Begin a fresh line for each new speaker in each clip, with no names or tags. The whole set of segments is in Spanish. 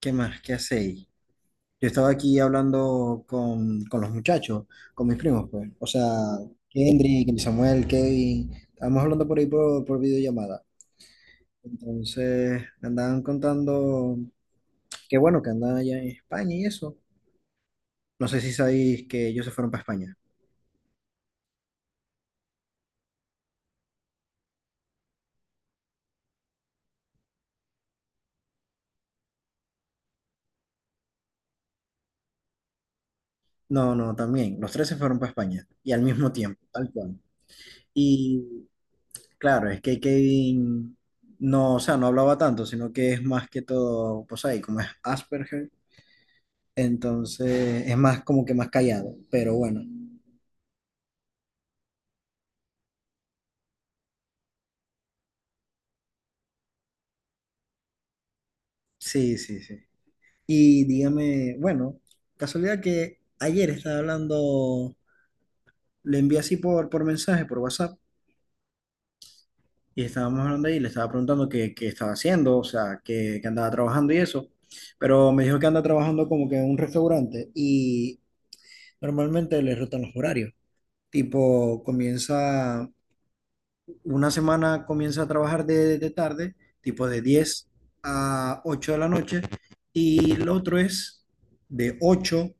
¿Qué más? ¿Qué hacéis? Yo estaba aquí hablando con los muchachos, con mis primos, pues. O sea, Kendrick, Samuel, Kevin. Estábamos hablando por ahí por videollamada. Entonces, me andaban contando que bueno, que andaban allá en España y eso. No sé si sabéis que ellos se fueron para España. No, no, también. Los tres se fueron para España. Y al mismo tiempo, tal cual. Y claro, es que Kevin no, o sea, no hablaba tanto, sino que es más que todo, pues ahí, como es Asperger. Entonces es más como que más callado, pero bueno, sí, sí, sí. Y dígame, bueno, casualidad que ayer estaba hablando, le envié así por mensaje, por WhatsApp, y estábamos hablando ahí, le estaba preguntando qué estaba haciendo, o sea, qué andaba trabajando y eso, pero me dijo que anda trabajando como que en un restaurante y normalmente le rotan los horarios, tipo comienza una semana comienza a trabajar de tarde, tipo de diez a 8 de la noche, y el otro es de 8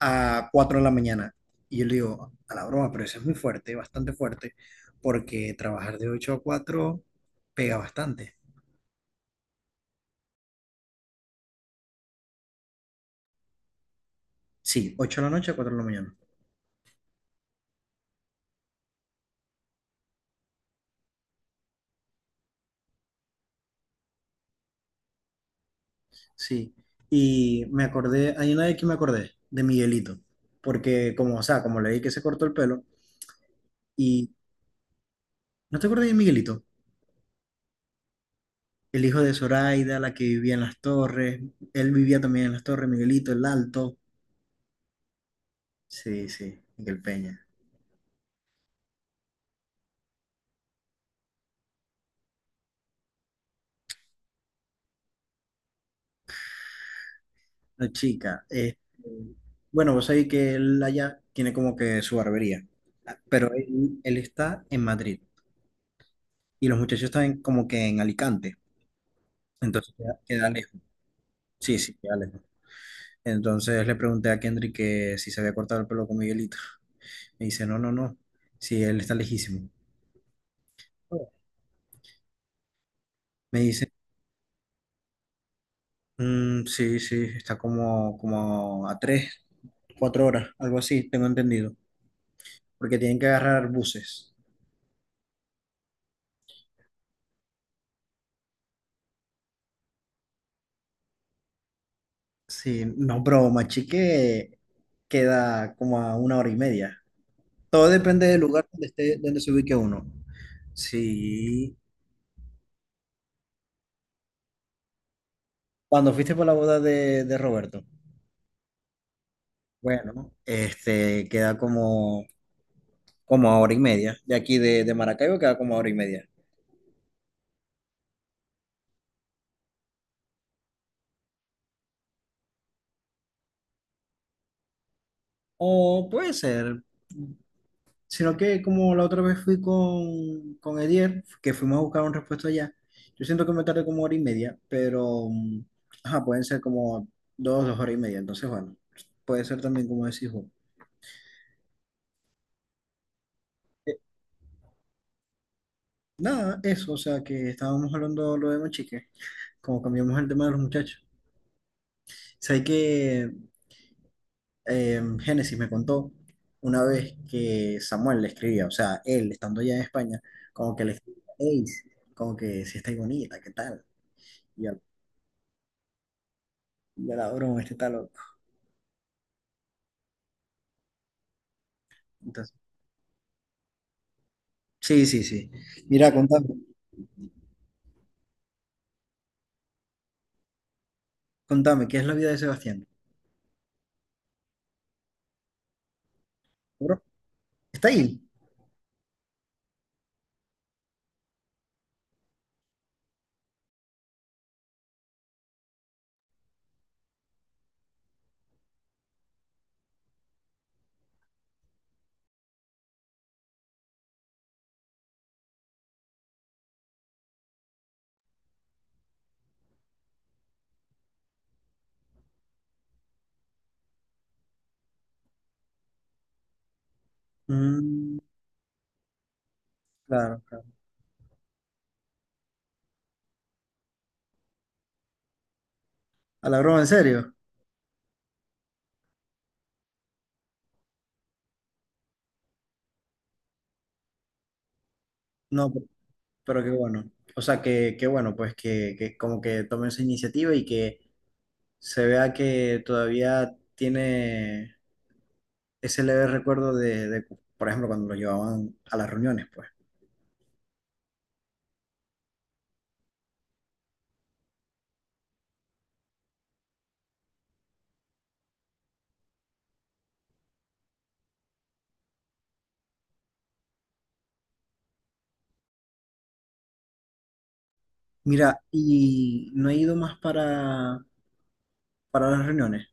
a 4 de la mañana. Y yo le digo, a la broma, pero eso es muy fuerte, bastante fuerte, porque trabajar de 8 a 4 pega bastante. Sí, ocho de la noche a cuatro de la mañana. Sí. Y me acordé, hay una de que me acordé, de Miguelito, porque como, o sea, como leí que se cortó el pelo, y ¿no te acuerdas de Miguelito? El hijo de Zoraida, la que vivía en las torres, él vivía también en las torres, Miguelito el Alto, sí, sí, Miguel Peña, la chica. Bueno, vos sabés que él allá tiene como que su barbería, pero él está en Madrid y los muchachos están como que en Alicante, entonces queda lejos, sí, sí, queda lejos. Entonces le pregunté a Kendrick que si se había cortado el pelo con Miguelito. Me dice, no, no, no, sí, él está lejísimo. Me dice: "Mm, sí, sí, está como, a tres, cuatro horas, algo así, tengo entendido, porque tienen que agarrar buses". Sí, no, pero Machique queda como a una hora y media. Todo depende del lugar donde esté, donde se ubique uno. Sí. Cuando fuiste por la boda de Roberto, bueno, este queda como a hora y media. De aquí de Maracaibo queda como a hora y media. O puede ser, sino que como la otra vez fui con Edier, que fuimos a buscar un repuesto allá, yo siento que me tardé como hora y media, pero ajá, pueden ser como dos horas y media. Entonces, bueno, puede ser también como decís vos. Eh, Nada, eso, o sea, que estábamos hablando lo de Mochique, como cambiamos el tema de los muchachos. Sabes que Génesis me contó una vez que Samuel le escribía, o sea, él estando allá en España, como que le escribía: "Ey, como que si estáis bonita, ¿qué tal?". Y yo, ya la broma, este está loco. Entonces, sí, sí, sí. Mira, contame, contame, ¿qué es la vida de Sebastián? ¿Bro? ¿Está ahí? Mm, claro, claro. ¿A la broma en serio? No, pero qué bueno. O sea, que bueno, pues que como que tome esa iniciativa y que se vea que todavía tiene ese leve recuerdo de, por ejemplo, cuando lo llevaban a las reuniones, pues. Mira, ¿y no he ido más para las reuniones?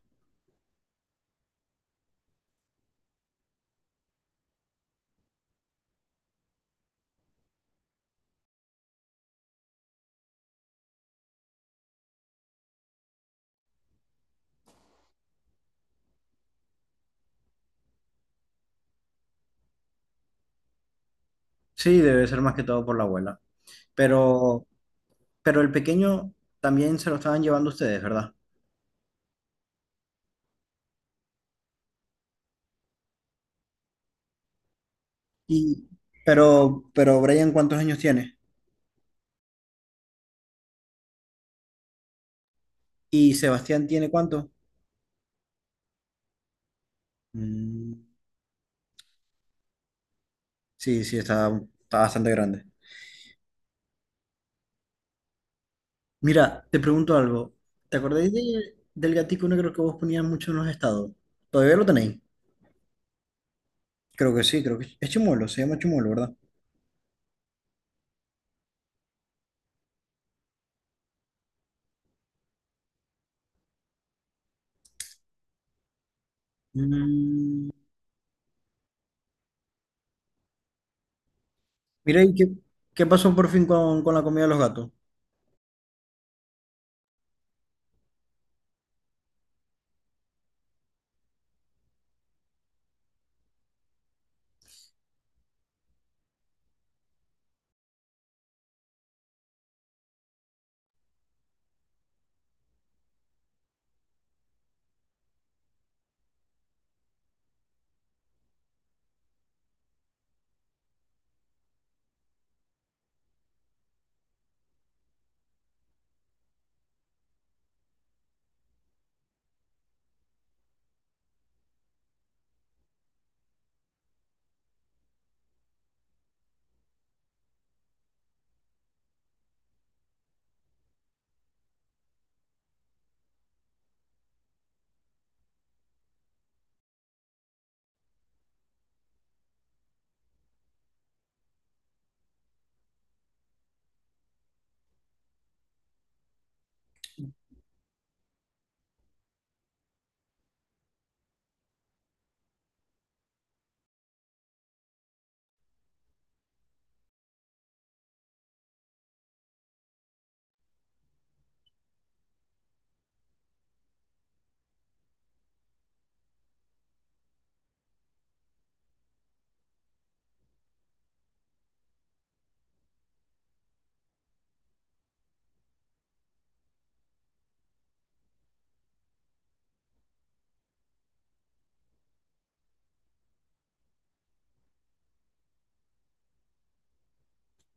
Sí, debe ser más que todo por la abuela. Pero Pero el pequeño también se lo estaban llevando ustedes, ¿verdad? Y, pero Brian, ¿cuántos años tiene? ¿Y Sebastián tiene cuánto? Mm, sí, sí, está bastante grande. Mira, te pregunto algo. ¿Te acordáis del gatico negro que vos ponías mucho en los estados? ¿Todavía lo tenéis? Creo que sí, creo que es Chimuelo, se llama Chimuelo, ¿verdad? Mm, Mira, ¿y qué pasó por fin con la comida de los gatos?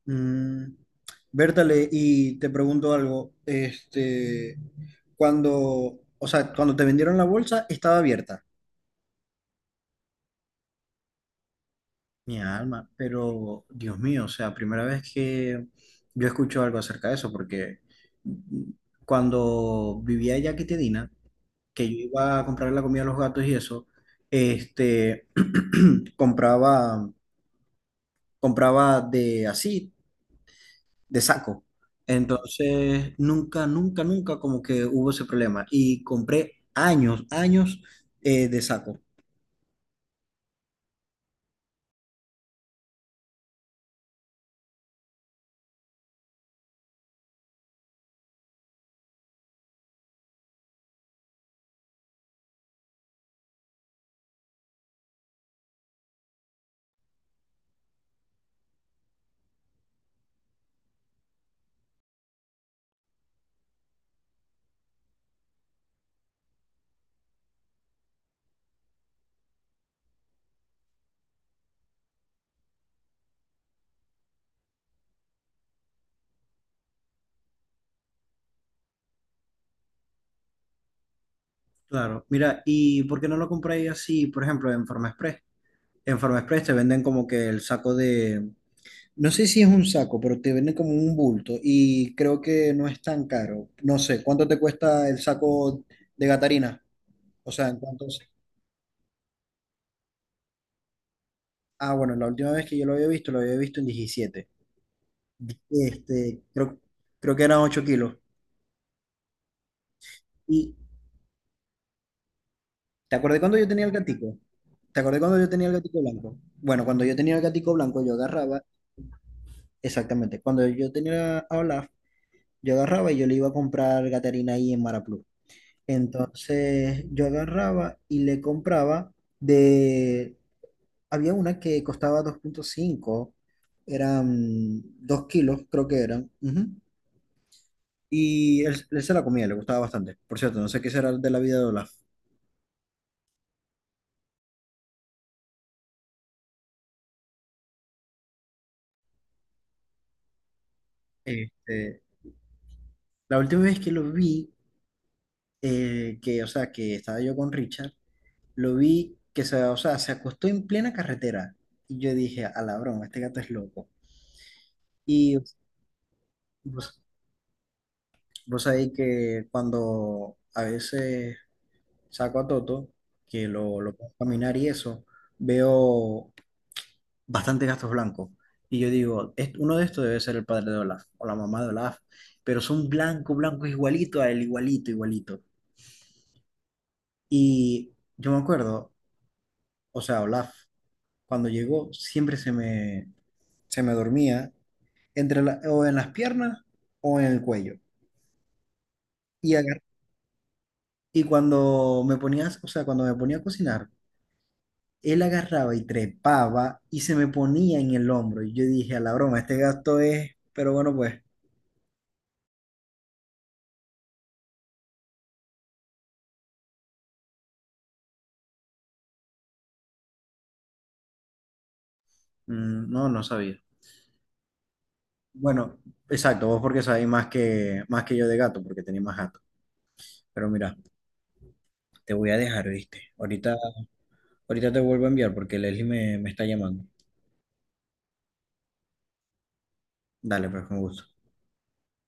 Mm, Bertale, y te pregunto algo, cuando, o sea, cuando te vendieron la bolsa estaba abierta, mi alma, pero Dios mío, o sea, primera vez que yo escucho algo acerca de eso, porque mm, cuando vivía allá en Quitedina, que yo iba a comprar la comida a los gatos y eso, este, compraba, compraba de así de saco. Entonces, nunca, nunca, nunca como que hubo ese problema. Y compré años, años de saco. Claro, mira, ¿y por qué no lo compré así, por ejemplo, en Forma Express? En Forma Express te venden como que el saco no sé si es un saco, pero te venden como un bulto y creo que no es tan caro. No sé, ¿cuánto te cuesta el saco de Gatarina? O sea, ¿en cuánto? Ah, bueno, la última vez que yo lo había visto en 17. Este, creo, creo que eran 8 kilos. Y ¿te acordás cuando yo tenía el gatico? ¿Te acordás cuando yo tenía el gatico blanco? Bueno, cuando yo tenía el gatico blanco, yo agarraba, exactamente, cuando yo tenía a Olaf, yo agarraba y yo le iba a comprar Gatorina ahí en Maraplu. Entonces yo agarraba y le compraba de, había una que costaba 2,5, eran 2 kilos, creo que eran. Ujú. Y él se la comía, le gustaba bastante. Por cierto, no sé qué será de la vida de Olaf. Este, la última vez que lo vi, o sea, que estaba yo con Richard, lo vi o sea, se acostó en plena carretera. Y yo dije, a la broma, este gato es loco. Y vos, vos sabéis que cuando a veces saco a Toto, que lo pongo a caminar y eso, veo bastantes gatos blancos. Y yo digo: "Uno de estos debe ser el padre de Olaf o la mamá de Olaf, pero son blanco, blanco, igualito a él, igualito, igualito". Y yo me acuerdo, o sea, Olaf cuando llegó, siempre se me, dormía entre o en las piernas o en el cuello. Y, agar- y cuando me ponías, o sea, cuando me ponía a cocinar, él agarraba y trepaba y se me ponía en el hombro. Y yo dije, a la broma, este gasto es, pero bueno, pues, mm, no, no sabía. Bueno, exacto, vos porque sabés más que yo de gato, porque tenés más gato. Pero mira, te voy a dejar, ¿viste? Ahorita, ahorita te vuelvo a enviar porque Leslie me está llamando. Dale, pues, con gusto.